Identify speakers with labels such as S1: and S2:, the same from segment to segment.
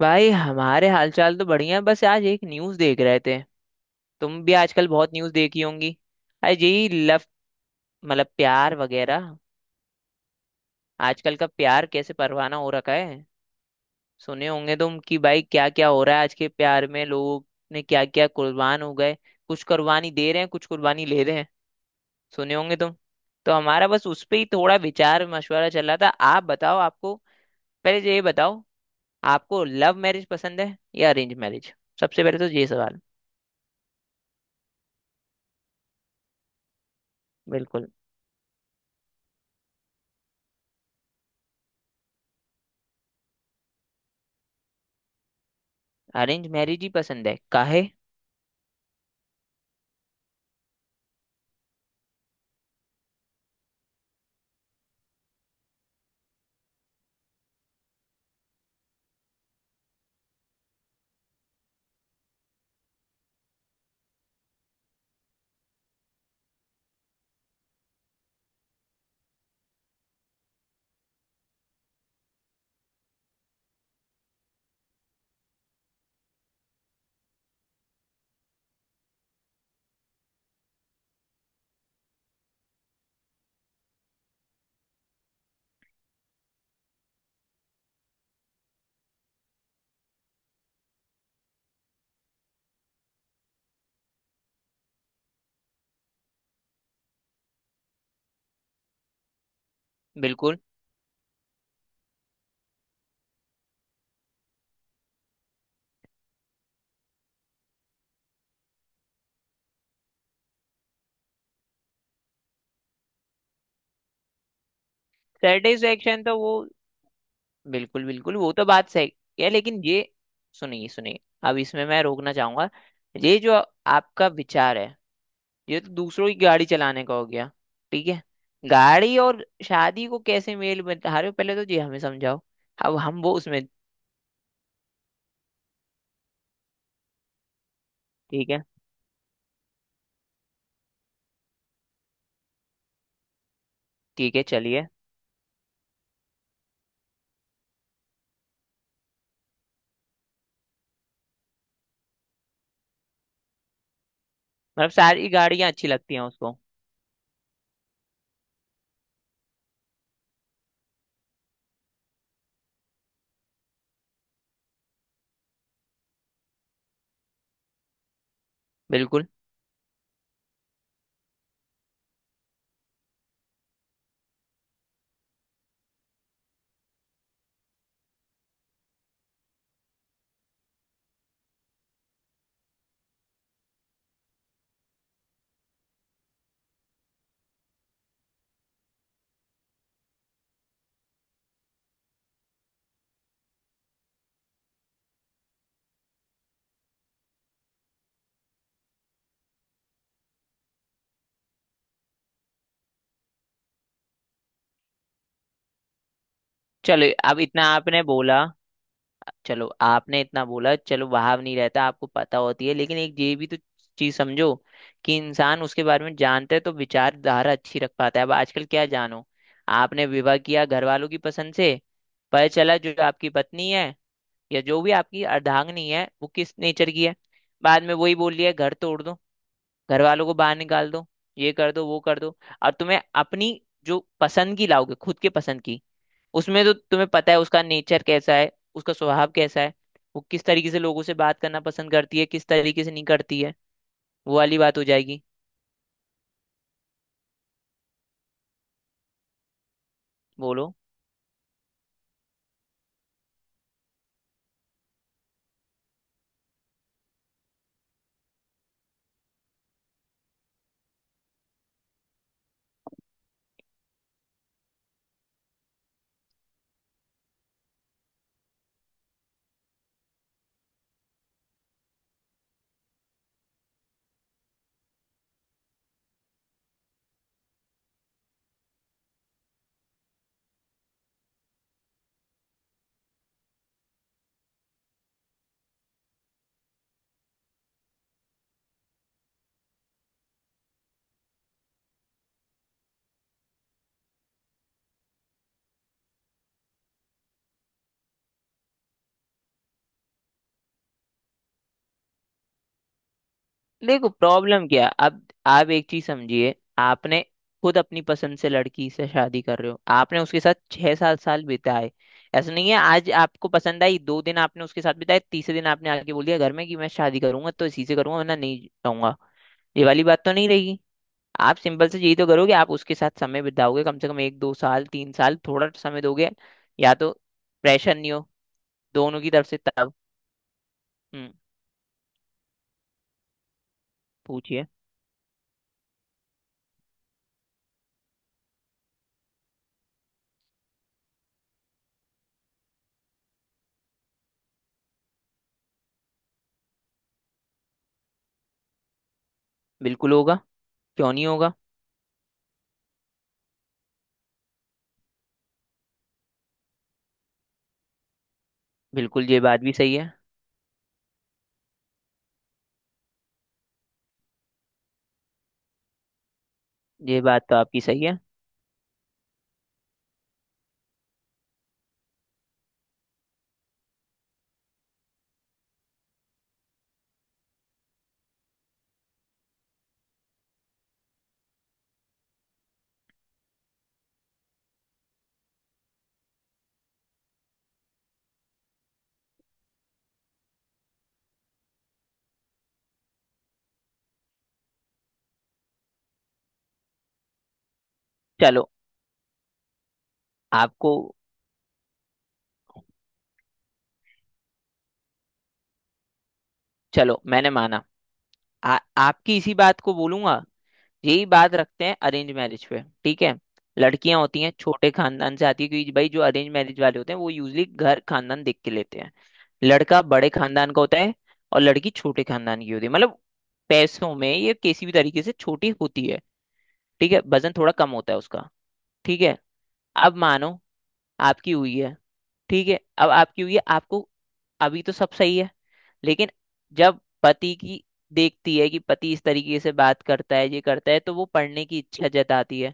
S1: भाई हमारे हालचाल तो बढ़िया है, बस आज एक न्यूज़ देख रहे थे। तुम भी आजकल बहुत न्यूज़ देखी होंगी। आज यही लव, मतलब प्यार वगैरह। आजकल का प्यार कैसे परवाना हो रखा है। सुने होंगे तुम कि भाई क्या क्या हो रहा है, आज के प्यार में लोग ने क्या क्या कुर्बान हो गए। कुछ कुर्बानी दे रहे हैं, कुछ कुर्बानी ले रहे हैं। सुने होंगे तुम। तो हमारा बस उस पे ही थोड़ा विचार मशवरा चल रहा था। आप बताओ, आपको पहले तो ये बताओ, आपको लव मैरिज पसंद है या अरेंज मैरिज? सबसे पहले तो ये सवाल। बिल्कुल। अरेंज मैरिज ही पसंद है? काहे? बिल्कुल। सेटिस्फेक्शन तो वो। बिल्कुल बिल्कुल, वो तो बात सही है, लेकिन ये सुनिए सुनिए, अब इसमें मैं रोकना चाहूंगा। ये जो आपका विचार है, ये तो दूसरों की गाड़ी चलाने का हो गया। ठीक है। गाड़ी और शादी को कैसे मेल बता रहे हो, पहले तो ये हमें समझाओ। अब हम वो उसमें। ठीक है। ठीक है चलिए। मतलब सारी गाड़ियां अच्छी लगती हैं उसको? बिल्कुल। चलो अब इतना आपने बोला, चलो आपने इतना बोला, चलो भाव नहीं रहता, आपको पता होती है, लेकिन एक ये भी तो चीज समझो कि इंसान उसके बारे में जानता है तो विचारधारा अच्छी रख पाता है। अब आजकल क्या जानो, आपने विवाह किया घर वालों की पसंद से, पता चला जो आपकी पत्नी है या जो भी आपकी अर्धांगिनी है वो किस नेचर की है। बाद में वही बोल लिया, घर तोड़ दो, घर वालों को बाहर निकाल दो, ये कर दो वो कर दो। और तुम्हें अपनी जो पसंद की लाओगे, खुद के पसंद की, उसमें तो तुम्हें पता है उसका नेचर कैसा है, उसका स्वभाव कैसा है, वो किस तरीके से लोगों से बात करना पसंद करती है, किस तरीके से नहीं करती है। वो वाली बात हो जाएगी। बोलो। देखो प्रॉब्लम क्या है? अब आप एक चीज समझिए। आपने खुद अपनी पसंद से लड़की से शादी कर रहे हो, आपने उसके साथ 6-7 साल बिताए। ऐसा नहीं है आज आपको पसंद आई, 2 दिन आपने उसके साथ बिताए, तीसरे दिन आपने आके बोल दिया घर में कि मैं शादी करूंगा तो इसी से करूंगा, वरना नहीं रहूंगा। ये वाली बात तो नहीं रहेगी। आप सिंपल से यही तो करोगे, आप उसके साथ समय बिताओगे, कम से कम 1-2 साल 3 साल थोड़ा समय दोगे, या तो प्रेशर नहीं हो दोनों की तरफ से तब। हम्म। पूछिए। बिल्कुल होगा, क्यों नहीं होगा। बिल्कुल, ये बात भी सही है। ये बात तो आपकी सही है। चलो आपको, चलो मैंने माना, आपकी इसी बात को बोलूंगा, यही बात रखते हैं अरेंज मैरिज पे, ठीक है। लड़कियां होती हैं छोटे खानदान से आती है, क्योंकि भाई जो अरेंज मैरिज वाले होते हैं वो यूजली घर खानदान देख के लेते हैं। लड़का बड़े खानदान का होता है और लड़की छोटे खानदान की होती है, मतलब पैसों में ये किसी भी तरीके से छोटी होती है। ठीक है, वजन थोड़ा कम होता है उसका। ठीक है, अब मानो आपकी हुई है। ठीक है, अब आपकी हुई है, आपको अभी तो सब सही है, लेकिन जब पति की देखती है कि पति इस तरीके से बात करता है, ये करता है, तो वो पढ़ने की इच्छा जताती है,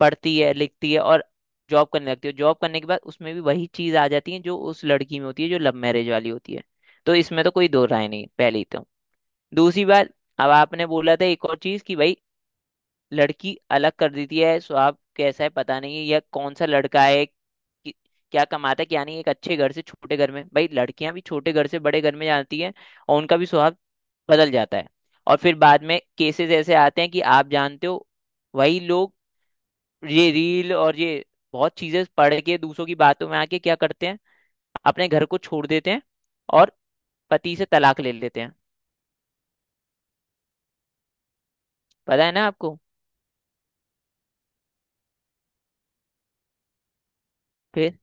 S1: पढ़ती है, लिखती है और जॉब करने लगती है। जॉब करने के बाद उसमें भी वही चीज आ जाती है जो उस लड़की में होती है जो लव मैरिज वाली होती है। तो इसमें तो कोई दो राय नहीं है, पहली तो। दूसरी बात, अब आपने बोला था एक और चीज कि भाई लड़की अलग कर देती है, स्वभाव कैसा है पता नहीं है, या कौन सा लड़का है, कि- क्या कमाता है क्या नहीं, एक अच्छे घर से छोटे घर में। भाई लड़कियां भी छोटे घर से बड़े घर में जाती हैं और उनका भी स्वभाव बदल जाता है, और फिर बाद में केसेस ऐसे आते हैं कि आप जानते हो, वही लोग ये रील और ये बहुत चीजें पढ़ के, दूसरों की बातों में आके क्या करते हैं, अपने घर को छोड़ देते हैं और पति से तलाक ले लेते हैं। पता है ना आपको? फिर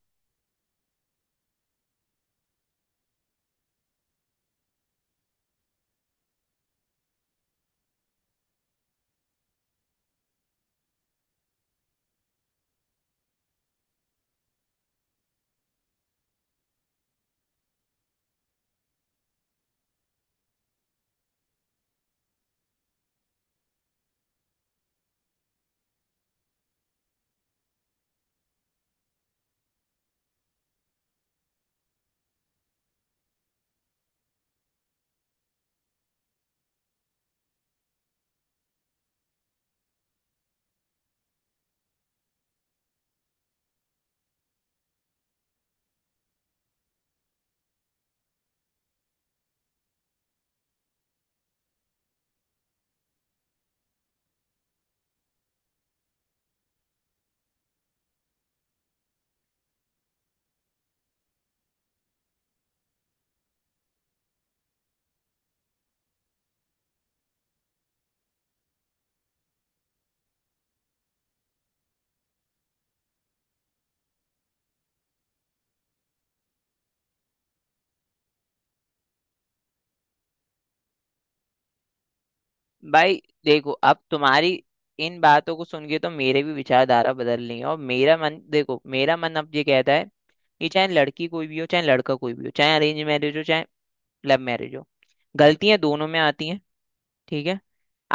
S1: भाई देखो, अब तुम्हारी इन बातों को सुन के तो मेरे भी विचारधारा बदल रही है, और मेरा मन देखो, मेरा मन अब ये कहता है कि चाहे लड़की कोई भी हो, चाहे लड़का कोई भी हो, चाहे अरेंज मैरिज हो चाहे लव मैरिज हो, गलतियां दोनों में आती हैं। ठीक है।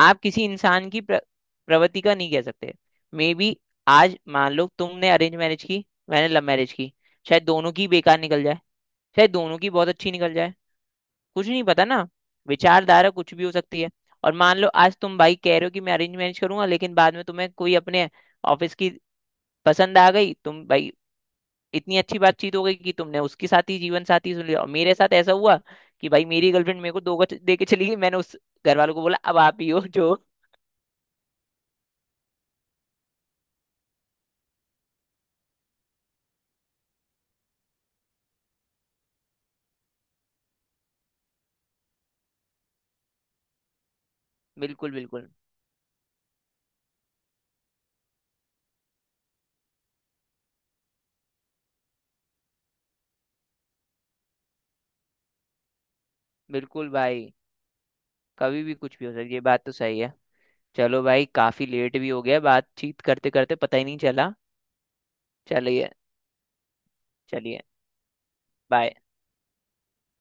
S1: आप किसी इंसान की प्रवृत्ति का नहीं कह सकते। मे बी आज मान लो तुमने अरेंज मैरिज की, मैंने लव मैरिज की, शायद दोनों की बेकार निकल जाए, शायद दोनों की बहुत अच्छी निकल जाए। कुछ नहीं पता ना, विचारधारा कुछ भी हो सकती है। और मान लो आज तुम भाई कह रहे हो कि मैं अरेंज मैरिज करूंगा, लेकिन बाद में तुम्हें कोई अपने ऑफिस की पसंद आ गई, तुम भाई इतनी अच्छी बातचीत हो गई कि तुमने उसके साथ ही जीवन साथी सुन लिया, और मेरे साथ ऐसा हुआ कि भाई मेरी गर्लफ्रेंड मेरे को 2 गज दे के चली गई, मैंने उस घर वालों को बोला अब आप ही हो जो। बिल्कुल बिल्कुल। बिल्कुल भाई। कभी भी कुछ भी हो सकता है, ये बात तो सही है। चलो भाई, काफी लेट भी हो गया, बातचीत करते करते पता ही नहीं चला। चलिए। चलिए। बाय।